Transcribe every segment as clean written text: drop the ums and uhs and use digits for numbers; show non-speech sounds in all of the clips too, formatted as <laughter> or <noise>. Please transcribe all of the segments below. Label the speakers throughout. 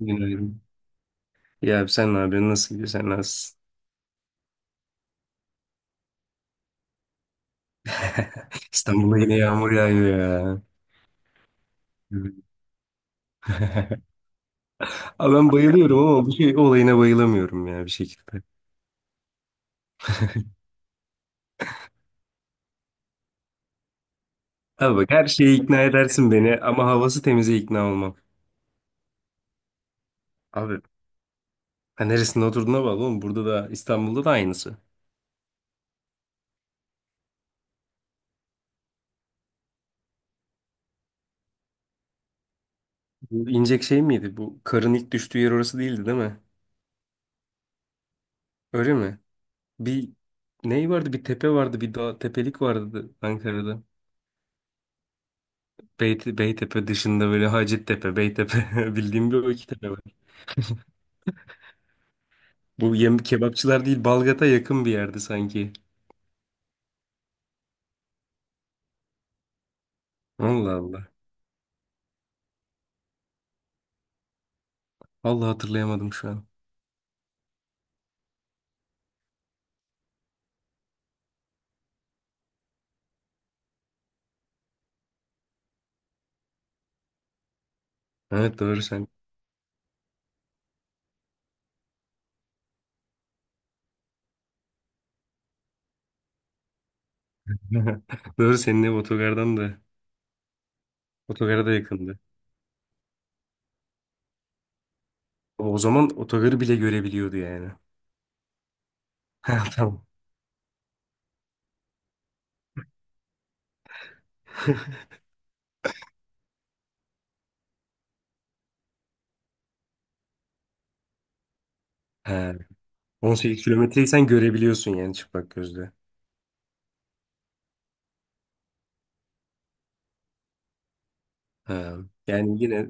Speaker 1: Günaydın. Ya abi sen ne yapıyorsun? Nasıl gidiyor? Sen nasılsın? <laughs> İstanbul'da yine yağmur yağıyor ya. Evet. <laughs> Abi ben bayılıyorum ama bu şey olayına bayılamıyorum ya bir şekilde. Abi bak her şeye ikna edersin beni ama havası temize ikna olmam. Abi ha neresinde oturduğuna bağlı oğlum. Burada da İstanbul'da da aynısı. Bu inecek şey miydi? Bu karın ilk düştüğü yer orası değildi değil mi? Öyle mi? Bir ney vardı? Bir tepe vardı. Bir dağ tepelik vardı Ankara'da. Beytepe dışında böyle Hacettepe, Beytepe <laughs> bildiğim bir o iki tepe var. Bu yem kebapçılar değil Balgat'a yakın bir yerde sanki. Allah Allah. Allah hatırlayamadım şu an. Evet doğru sen. <laughs> Doğru senin ev otogardan da otogara da yakındı. O zaman otogarı bile görebiliyordu yani. <laughs> Ha, tamam. <laughs> Ha, 18 kilometreyi sen görebiliyorsun yani çıplak gözle. Ha, yani yine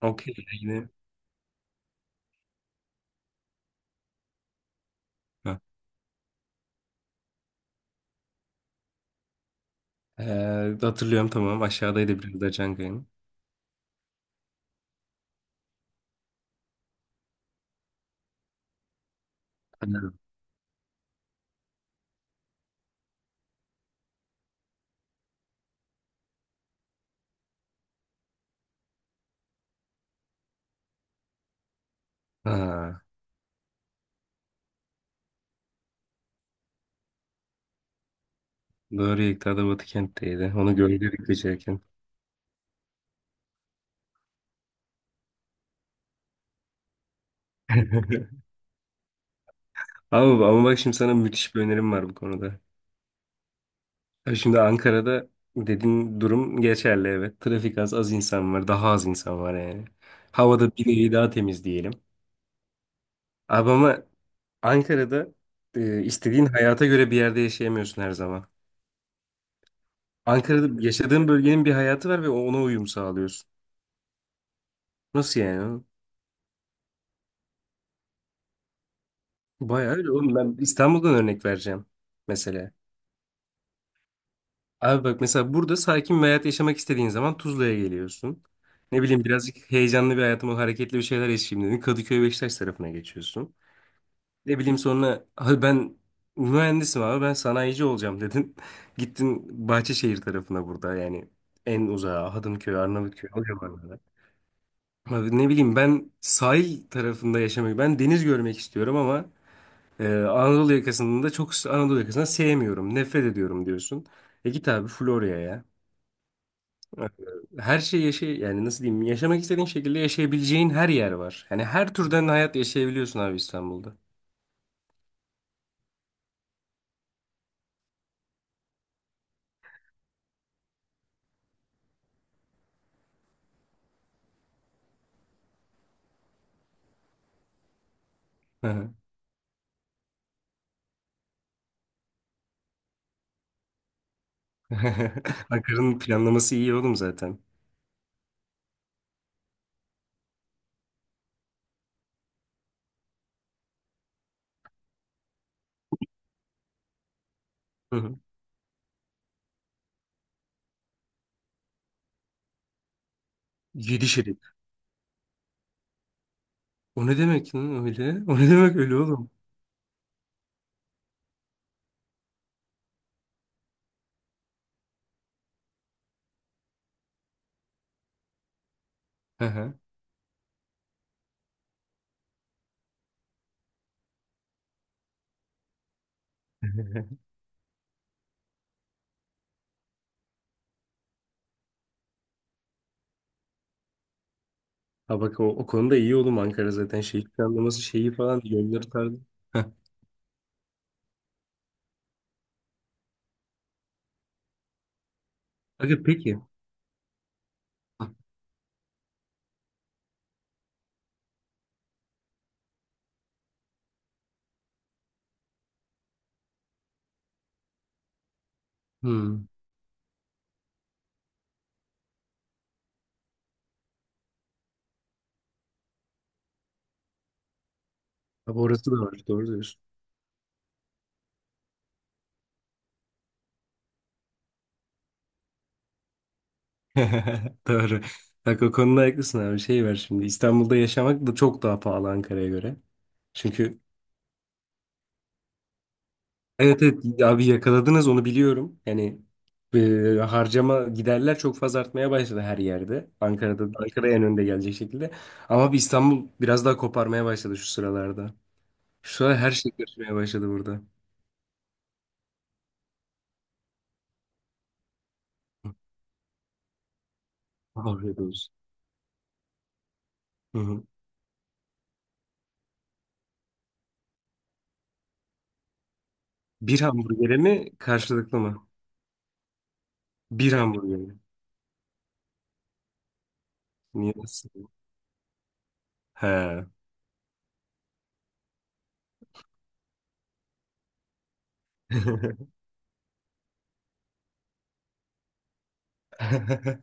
Speaker 1: okey yine ha. Ee, Hatırlıyorum tamam aşağıdaydı biraz da Çankaya'nın. Ha. Ha. Doğru Yekta da Batıkent'teydi. Onu gördük geçerken. <laughs> Ama bak şimdi sana müthiş bir önerim var bu konuda. Ya şimdi Ankara'da dediğin durum geçerli evet. Trafik az, az insan var. Daha az insan var yani. Havada bir nevi daha temiz diyelim. Abi ama Ankara'da istediğin hayata göre bir yerde yaşayamıyorsun her zaman. Ankara'da yaşadığın bölgenin bir hayatı var ve ona uyum sağlıyorsun. Nasıl yani? Bayağı öyle oğlum. Ben İstanbul'dan örnek vereceğim mesela. Abi bak mesela burada sakin bir hayat yaşamak istediğin zaman Tuzla'ya geliyorsun. Ne bileyim birazcık heyecanlı bir hayatım, o hareketli bir şeyler yaşayayım dedin. Kadıköy Beşiktaş tarafına geçiyorsun. Ne bileyim sonra abi ben mühendisim abi ben sanayici olacağım dedin. <laughs> Gittin Bahçeşehir tarafına burada yani en uzağa Hadımköy, Arnavutköy o civarlara. Abi ne bileyim ben sahil tarafında yaşamayı ben deniz görmek istiyorum ama Anadolu yakasında çok Anadolu yakasını sevmiyorum. Nefret ediyorum diyorsun. E git abi Florya'ya. Ee, Her şey yaşa yani nasıl diyeyim yaşamak istediğin şekilde yaşayabileceğin her yer var. Yani her türden hayat yaşayabiliyorsun abi İstanbul'da. Hı hı. <laughs> Ankara'nın planlaması iyi oğlum zaten. Hı hı. Yedi şerit. O ne demek lan öyle? O ne demek öyle oğlum? Hı hı. <laughs> Ha bak o konuda iyi oğlum Ankara zaten şehir planlaması şeyi falan yolları tarzı. Heh. Aga peki. Hmm. Abi orası da var doğru diyorsun. <laughs> Doğru. Bak o konuda haklısın abi. Şey var şimdi. İstanbul'da yaşamak da çok daha pahalı Ankara'ya göre. Çünkü evet evet abi yakaladınız onu biliyorum. Yani harcama giderler çok fazla artmaya başladı her yerde. Ankara'da Ankara en önde gelecek şekilde. Ama bir İstanbul biraz daha koparmaya başladı şu sıralarda. Şu sıralar her şey götürmeye başladı burada. Afiyet olsun. Hı hı. Bir hamburgere mi karşılıklı mı? Bir hamburger mi? Niye? Nasıl? He. <laughs>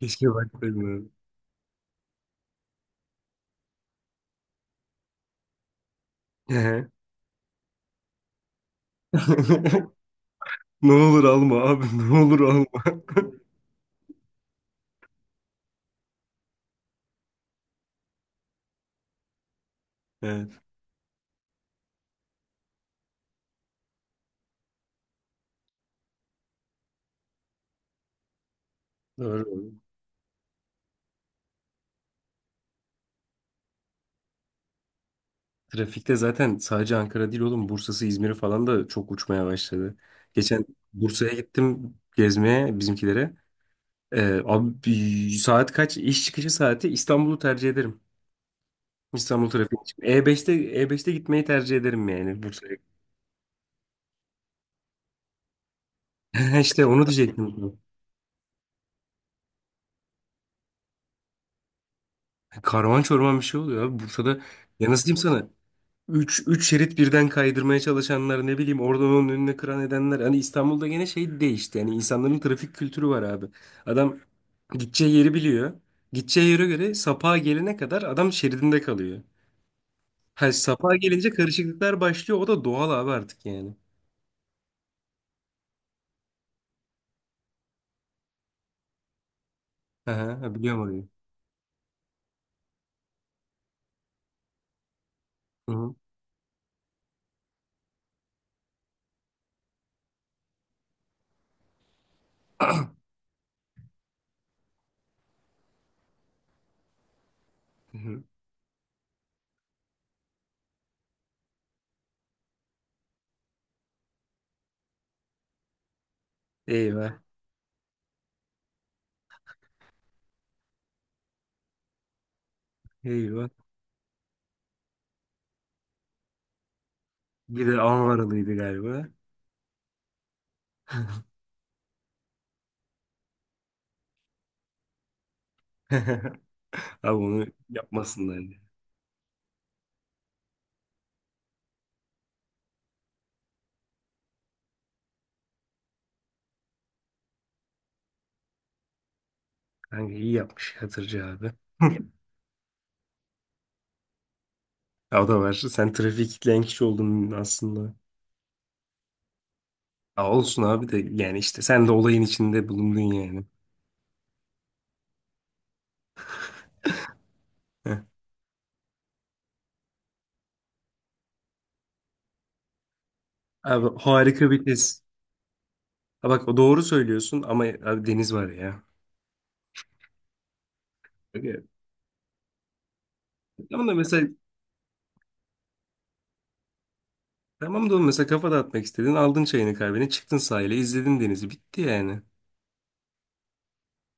Speaker 1: Keşke baksaydım. Ehe. <laughs> Ne olur alma abi, ne olur alma. <laughs> Evet, doğru. Trafikte zaten sadece Ankara değil oğlum, Bursa'sı, İzmir'i falan da çok uçmaya başladı. Geçen Bursa'ya gittim gezmeye bizimkilere. Abi saat kaç? İş çıkışı saati İstanbul'u tercih ederim. İstanbul trafiği için. E5'te gitmeyi tercih ederim yani Bursa'ya. <laughs> İşte onu diyecektim. Karman çorman bir şey oluyor abi Bursa'da. Ya nasıl diyeyim sana? Üç şerit birden kaydırmaya çalışanlar ne bileyim oradan onun önüne kıran edenler. Hani İstanbul'da gene şey değişti. Yani insanların trafik kültürü var abi. Adam gideceği yeri biliyor. Gideceği yere göre sapağa gelene kadar adam şeridinde kalıyor. Ha, sapağa gelince karışıklıklar başlıyor. O da doğal abi artık yani. Aha, ha, biliyorum orayı. Hı hı. Hı hı. Eyvah. Eyvah. Bir de Anvaralıydı galiba. <laughs> Abi onu yapmasınlar diye. Kanka iyi yapmış Hatırcı abi. <laughs> Ya o da var. Sen trafiğe kilitleyen kişi oldun aslında. Ya olsun abi de yani işte sen de olayın içinde bulundun yani. Heh. Abi harika bir tez. Ha bak o doğru söylüyorsun ama abi deniz var ya. Öyle. Tamam da mesela tamam da oğlum mesela kafa dağıtmak istedin aldın çayını kahveni çıktın sahile izledin denizi bitti yani.